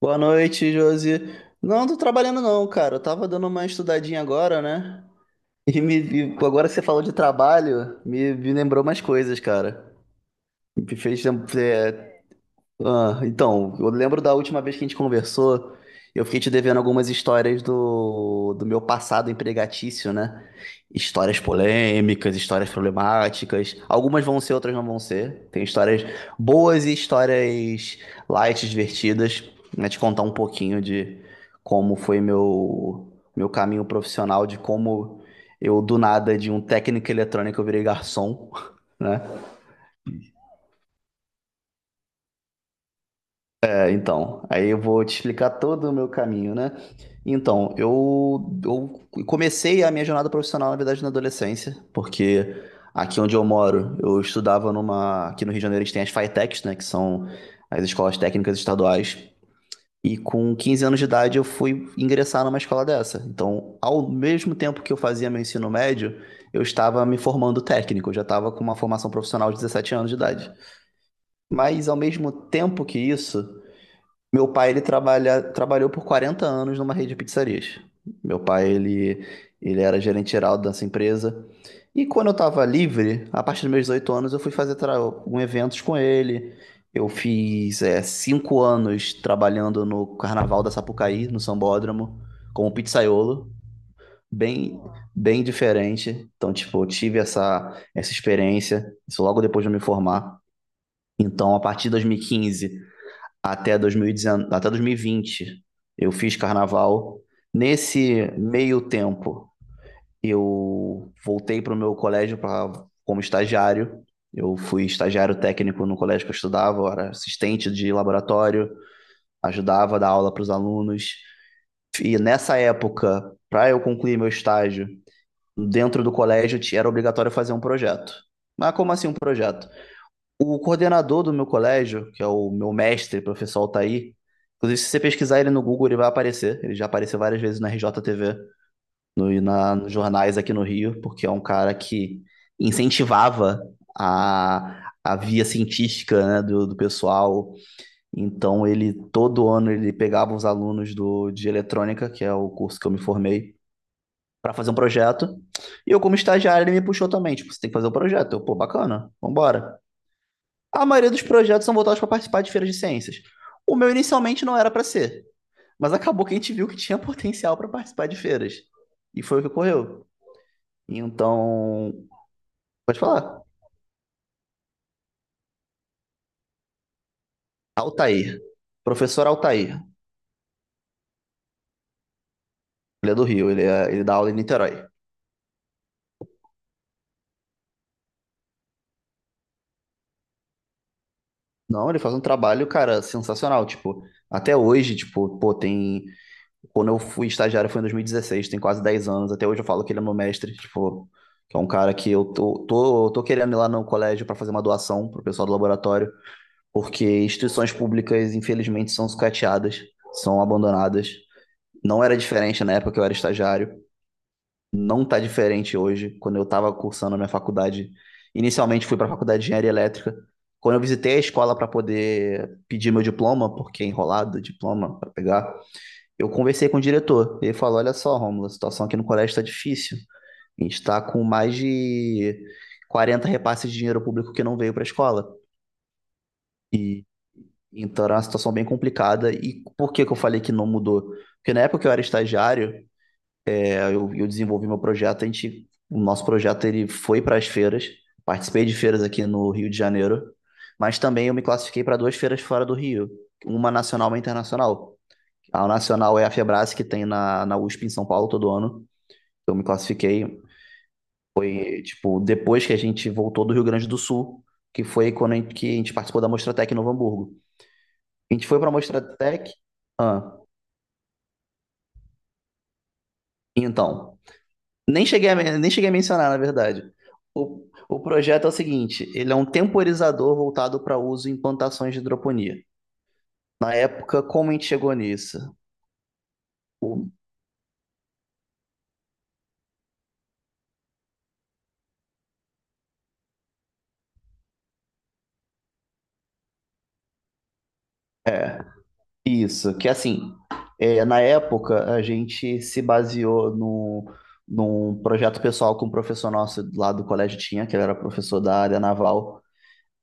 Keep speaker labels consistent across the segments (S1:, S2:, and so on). S1: Boa noite, Josi. Não, tô trabalhando não, cara. Eu tava dando uma estudadinha agora, né? E agora que você falou de trabalho, me lembrou umas coisas, cara. Me fez, então, eu lembro da última vez que a gente conversou, eu fiquei te devendo algumas histórias do meu passado empregatício, né? Histórias polêmicas, histórias problemáticas. Algumas vão ser, outras não vão ser. Tem histórias boas e histórias light, divertidas. Né? Te contar um pouquinho de como foi meu caminho profissional, de como eu, do nada, de um técnico eletrônico, eu virei garçom, né? Então, aí eu vou te explicar todo o meu caminho, né? Então, eu comecei a minha jornada profissional, na verdade, na adolescência, porque aqui onde eu moro, eu estudava numa. Aqui no Rio de Janeiro, a gente tem as FATECs, né? Que são as escolas técnicas estaduais. E com 15 anos de idade, eu fui ingressar numa escola dessa. Então, ao mesmo tempo que eu fazia meu ensino médio, eu estava me formando técnico, eu já estava com uma formação profissional de 17 anos de idade. Mas, ao mesmo tempo que isso. Meu pai, ele trabalha, trabalhou por 40 anos numa rede de pizzarias. Meu pai, ele era gerente geral dessa empresa. E quando eu estava livre, a partir dos meus 18 anos, eu fui fazer um eventos com ele. Eu fiz é, 5 anos trabalhando no Carnaval da Sapucaí, no Sambódromo, como pizzaiolo. Bem, bem diferente. Então, tipo, eu tive essa, essa experiência, isso logo depois de eu me formar. Então, a partir de 2015 até 2019, até 2020, eu fiz carnaval. Nesse meio tempo, eu voltei para o meu colégio pra, como estagiário. Eu fui estagiário técnico no colégio que eu estudava, eu era assistente de laboratório, ajudava a dar aula para os alunos. E nessa época, para eu concluir meu estágio, dentro do colégio era obrigatório fazer um projeto. Mas como assim um projeto? O coordenador do meu colégio, que é o meu mestre, professor Altair, inclusive se você pesquisar ele no Google, ele vai aparecer. Ele já apareceu várias vezes na RJTV, no, e na, nos jornais aqui no Rio, porque é um cara que incentivava a via científica, né, do pessoal. Então ele todo ano ele pegava os alunos do, de eletrônica, que é o curso que eu me formei, para fazer um projeto. E eu como estagiário ele me puxou também, tipo, você tem que fazer um projeto. Eu, pô, bacana, vambora. A maioria dos projetos são voltados para participar de feiras de ciências. O meu inicialmente não era para ser, mas acabou que a gente viu que tinha potencial para participar de feiras. E foi o que ocorreu. Então, pode falar. Altair. Professor Altair. Ele é do Rio, ele, é, ele dá aula em Niterói. Não, ele faz um trabalho, cara, sensacional. Tipo, até hoje, tipo, pô, tem. Quando eu fui estagiário foi em 2016, tem quase 10 anos. Até hoje eu falo que ele é meu mestre, tipo, que é um cara que eu tô querendo ir lá no colégio para fazer uma doação pro pessoal do laboratório. Porque instituições públicas, infelizmente, são sucateadas, são abandonadas. Não era diferente na época que eu era estagiário, não está diferente hoje, quando eu estava cursando a minha faculdade. Inicialmente fui para a faculdade de engenharia elétrica. Quando eu visitei a escola para poder pedir meu diploma, porque é enrolado o diploma para pegar, eu conversei com o diretor. Ele falou: Olha só, Romulo, a situação aqui no colégio está difícil. A gente está com mais de 40 repasses de dinheiro público que não veio para a escola. E Então era uma situação bem complicada. E por que que eu falei que não mudou? Porque na época que eu era estagiário, eu desenvolvi meu projeto, a gente, o nosso projeto ele foi para as feiras, participei de feiras aqui no Rio de Janeiro, mas também eu me classifiquei para duas feiras fora do Rio, uma nacional e uma internacional. A nacional é a Febrace, que tem na USP em São Paulo todo ano. Eu me classifiquei, e, tipo, depois que a gente voltou do Rio Grande do Sul, que foi quando a gente, que a gente participou da Mostratec em Novo Hamburgo. A gente foi para a Mostratec, ah, então, nem cheguei a mencionar, na verdade. O projeto é o seguinte, ele é um temporizador voltado para uso em plantações de hidroponia. Na época, como a gente chegou nisso? O- Isso, que assim, na época a gente se baseou no, num projeto pessoal que um professor nosso lá do colégio tinha, que ele era professor da área naval,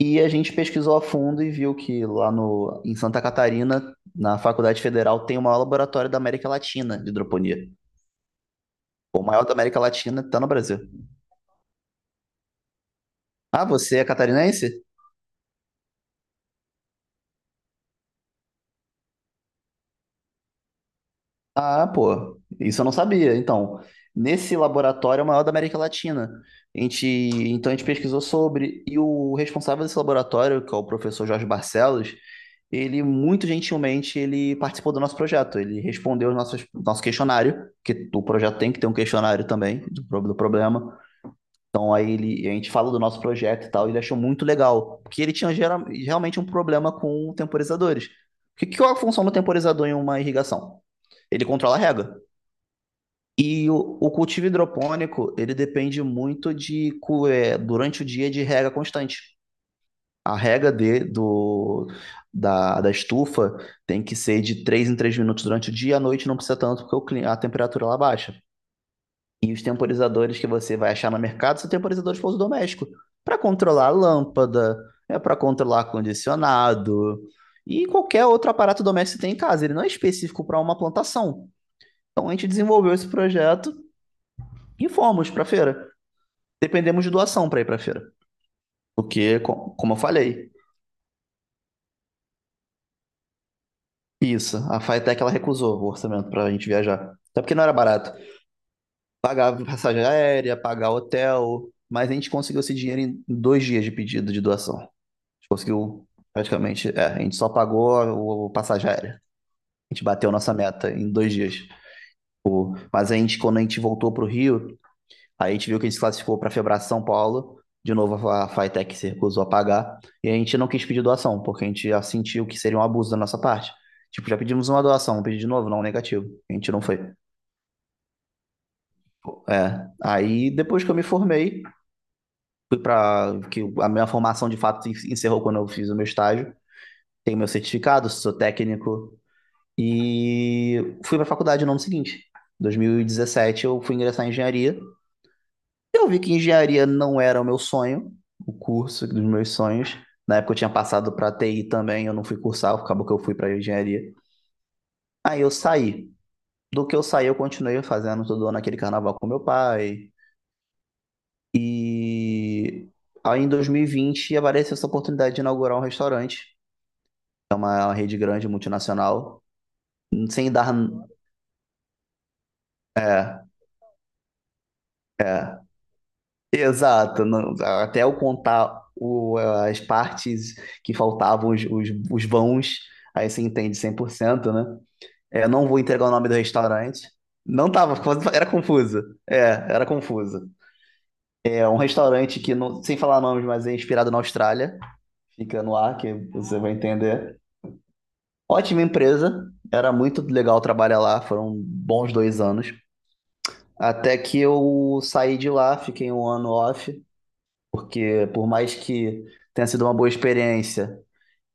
S1: e a gente pesquisou a fundo e viu que lá no, em Santa Catarina, na Faculdade Federal, tem o maior laboratório da América Latina de hidroponia. O maior da América Latina tá no Brasil. Ah, você é catarinense? Ah, pô, isso eu não sabia. Então, nesse laboratório é o maior da América Latina. A gente, então a gente pesquisou sobre, e o responsável desse laboratório, que é o professor Jorge Barcelos, ele muito gentilmente ele participou do nosso projeto. Ele respondeu o nosso questionário, que o projeto tem que ter um questionário também do problema. Então aí ele, a gente fala do nosso projeto e tal, e ele achou muito legal, porque ele tinha realmente um problema com temporizadores. O que, que é a função do temporizador em uma irrigação? Ele controla a rega. E o cultivo hidropônico, ele depende muito durante o dia de rega constante. A rega da estufa tem que ser de 3 em 3 minutos durante o dia, à noite não precisa tanto, porque o a temperatura lá baixa. E os temporizadores que você vai achar no mercado são temporizadores para uso doméstico, para controlar a lâmpada, é para controlar condicionado e qualquer outro aparato doméstico que você tem em casa. Ele não é específico para uma plantação. Então a gente desenvolveu esse projeto e fomos para a feira. Dependemos de doação para ir para a feira, porque como eu falei, isso, a Faetec ela recusou o orçamento para a gente viajar. Até porque não era barato. Pagar passagem aérea, pagar hotel, mas a gente conseguiu esse dinheiro em 2 dias de pedido de doação. Conseguiu praticamente. É, a gente só pagou o passagem aérea. A gente bateu nossa meta em 2 dias. Mas a gente, quando a gente voltou para o Rio, aí a gente viu que a gente se classificou para a Febrace São Paulo. De novo, a Fitec se recusou a pagar. E a gente não quis pedir doação, porque a gente já sentiu que seria um abuso da nossa parte. Tipo, já pedimos uma doação, pedi de novo, não, negativo. A gente não foi. É. Aí, depois que eu me formei, fui para que a minha formação de fato encerrou quando eu fiz o meu estágio. Tenho meu certificado, sou técnico e fui pra faculdade no ano seguinte. 2017 eu fui ingressar em engenharia. Eu vi que engenharia não era o meu sonho, o curso dos meus sonhos. Na época eu tinha passado para TI também, eu não fui cursar, acabou que eu fui para engenharia. Aí eu saí. Do que eu saí, eu continuei fazendo todo ano aquele carnaval com meu pai. E aí em 2020 apareceu essa oportunidade de inaugurar um restaurante. É uma rede grande multinacional, sem dar. Exato, até eu contar as partes que faltavam, os vãos, aí você entende 100%, né? Eu não vou entregar o nome do restaurante. Não tava, era confusa. É, era confusa. É um restaurante que, não, sem falar nomes, mas é inspirado na Austrália. Fica no ar, que você vai entender. Ótima empresa, era muito legal trabalhar lá, foram bons 2 anos. Até que eu saí de lá, fiquei um ano off. Porque por mais que tenha sido uma boa experiência,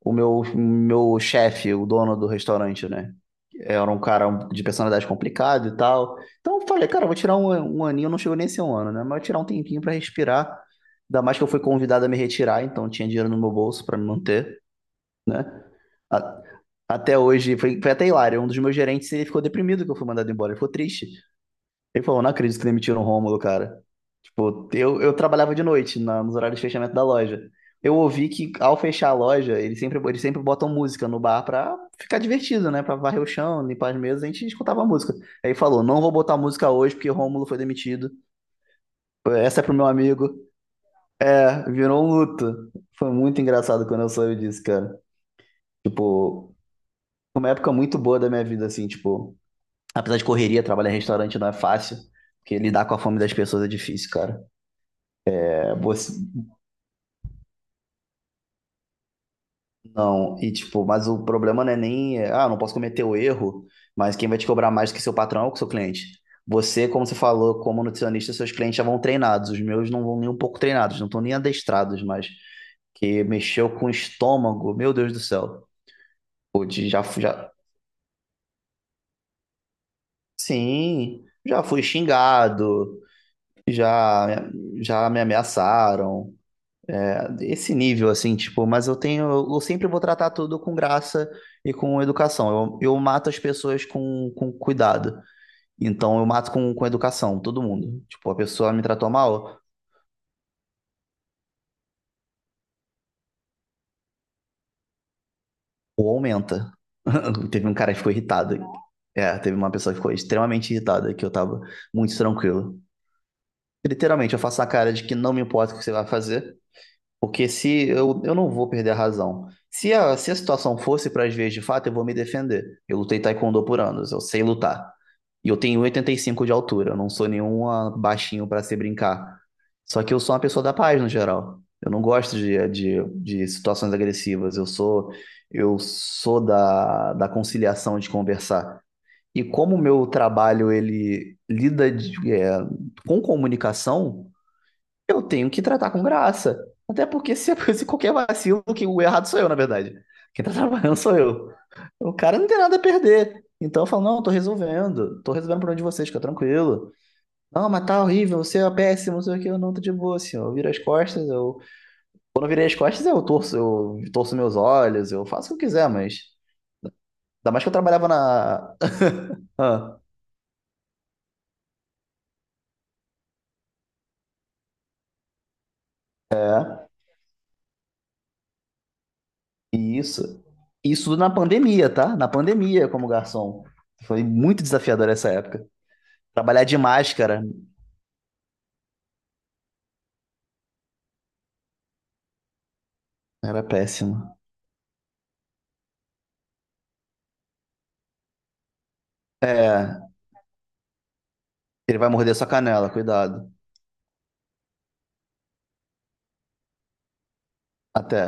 S1: o meu chefe, o dono do restaurante, né? Era um cara de personalidade complicada e tal. Então eu falei, cara, eu vou tirar um, um aninho, não chegou nem a ser um ano, né? Mas eu vou tirar um tempinho pra respirar. Ainda mais que eu fui convidado a me retirar, então tinha dinheiro no meu bolso pra me manter, né? A- Até hoje, foi até hilário. Um dos meus gerentes, ele ficou deprimido que eu fui mandado embora. Ele ficou triste. Ele falou, não acredito que demitiram o Rômulo, cara. Pô, eu trabalhava de noite, nos horários de fechamento da loja. Eu ouvi que ao fechar a loja, eles sempre botam música no bar pra ficar divertido, né? Pra varrer o chão, limpar as mesas, a gente escutava a música. Aí falou, não vou botar música hoje porque Rômulo foi demitido. Essa é pro meu amigo. É, virou um luto. Foi muito engraçado quando eu soube disso, cara. Tipo, foi uma época muito boa da minha vida, assim, tipo... Apesar de correria, trabalhar em restaurante não é fácil, porque lidar com a fome das pessoas é difícil, cara. É, não, e tipo, mas o problema não é nem, não posso cometer o erro, mas quem vai te cobrar mais do que seu patrão ou que seu cliente. Você, como você falou, como nutricionista, seus clientes já vão treinados, os meus não vão nem um pouco treinados, não estão nem adestrados, mas que mexeu com o estômago, meu Deus do céu. Pô, já, já, sim, já fui xingado, já, já me ameaçaram. Esse nível, assim, tipo, mas eu tenho, eu sempre vou tratar tudo com graça e com educação. Eu mato as pessoas com cuidado. Então eu mato com educação, todo mundo. Tipo, a pessoa me tratou mal, ou aumenta. Teve um cara que ficou irritado. É, teve uma pessoa que ficou extremamente irritada, que eu tava muito tranquilo. Literalmente, eu faço a cara de que não me importa o que você vai fazer. Porque se eu, eu não vou perder a razão. Se a situação fosse para as veias de fato, eu vou me defender. Eu lutei taekwondo por anos, eu sei lutar. E eu tenho 85 de altura, eu não sou nenhum baixinho para se brincar. Só que eu sou uma pessoa da paz no geral. Eu não gosto de situações agressivas. Eu sou da conciliação de conversar. E como o meu trabalho ele lida com comunicação, eu tenho que tratar com graça. Até porque se, se qualquer vacilo, que o errado sou eu, na verdade. Quem tá trabalhando sou eu. O cara não tem nada a perder. Então eu falo, não, tô resolvendo. Tô resolvendo o problema de vocês, fica tranquilo. Não, mas tá horrível, você é péssimo, não sei o que, eu não tô de boa, assim, ó. Eu viro as costas, eu. Quando eu virei as costas, eu torço meus olhos, eu faço o que eu quiser, mas. Ainda mais que eu trabalhava na. Ah, e isso. Isso na pandemia, tá? Na pandemia, como garçom. Foi muito desafiador essa época. Trabalhar de máscara era péssimo. É, ele vai morder sua canela, cuidado. Até.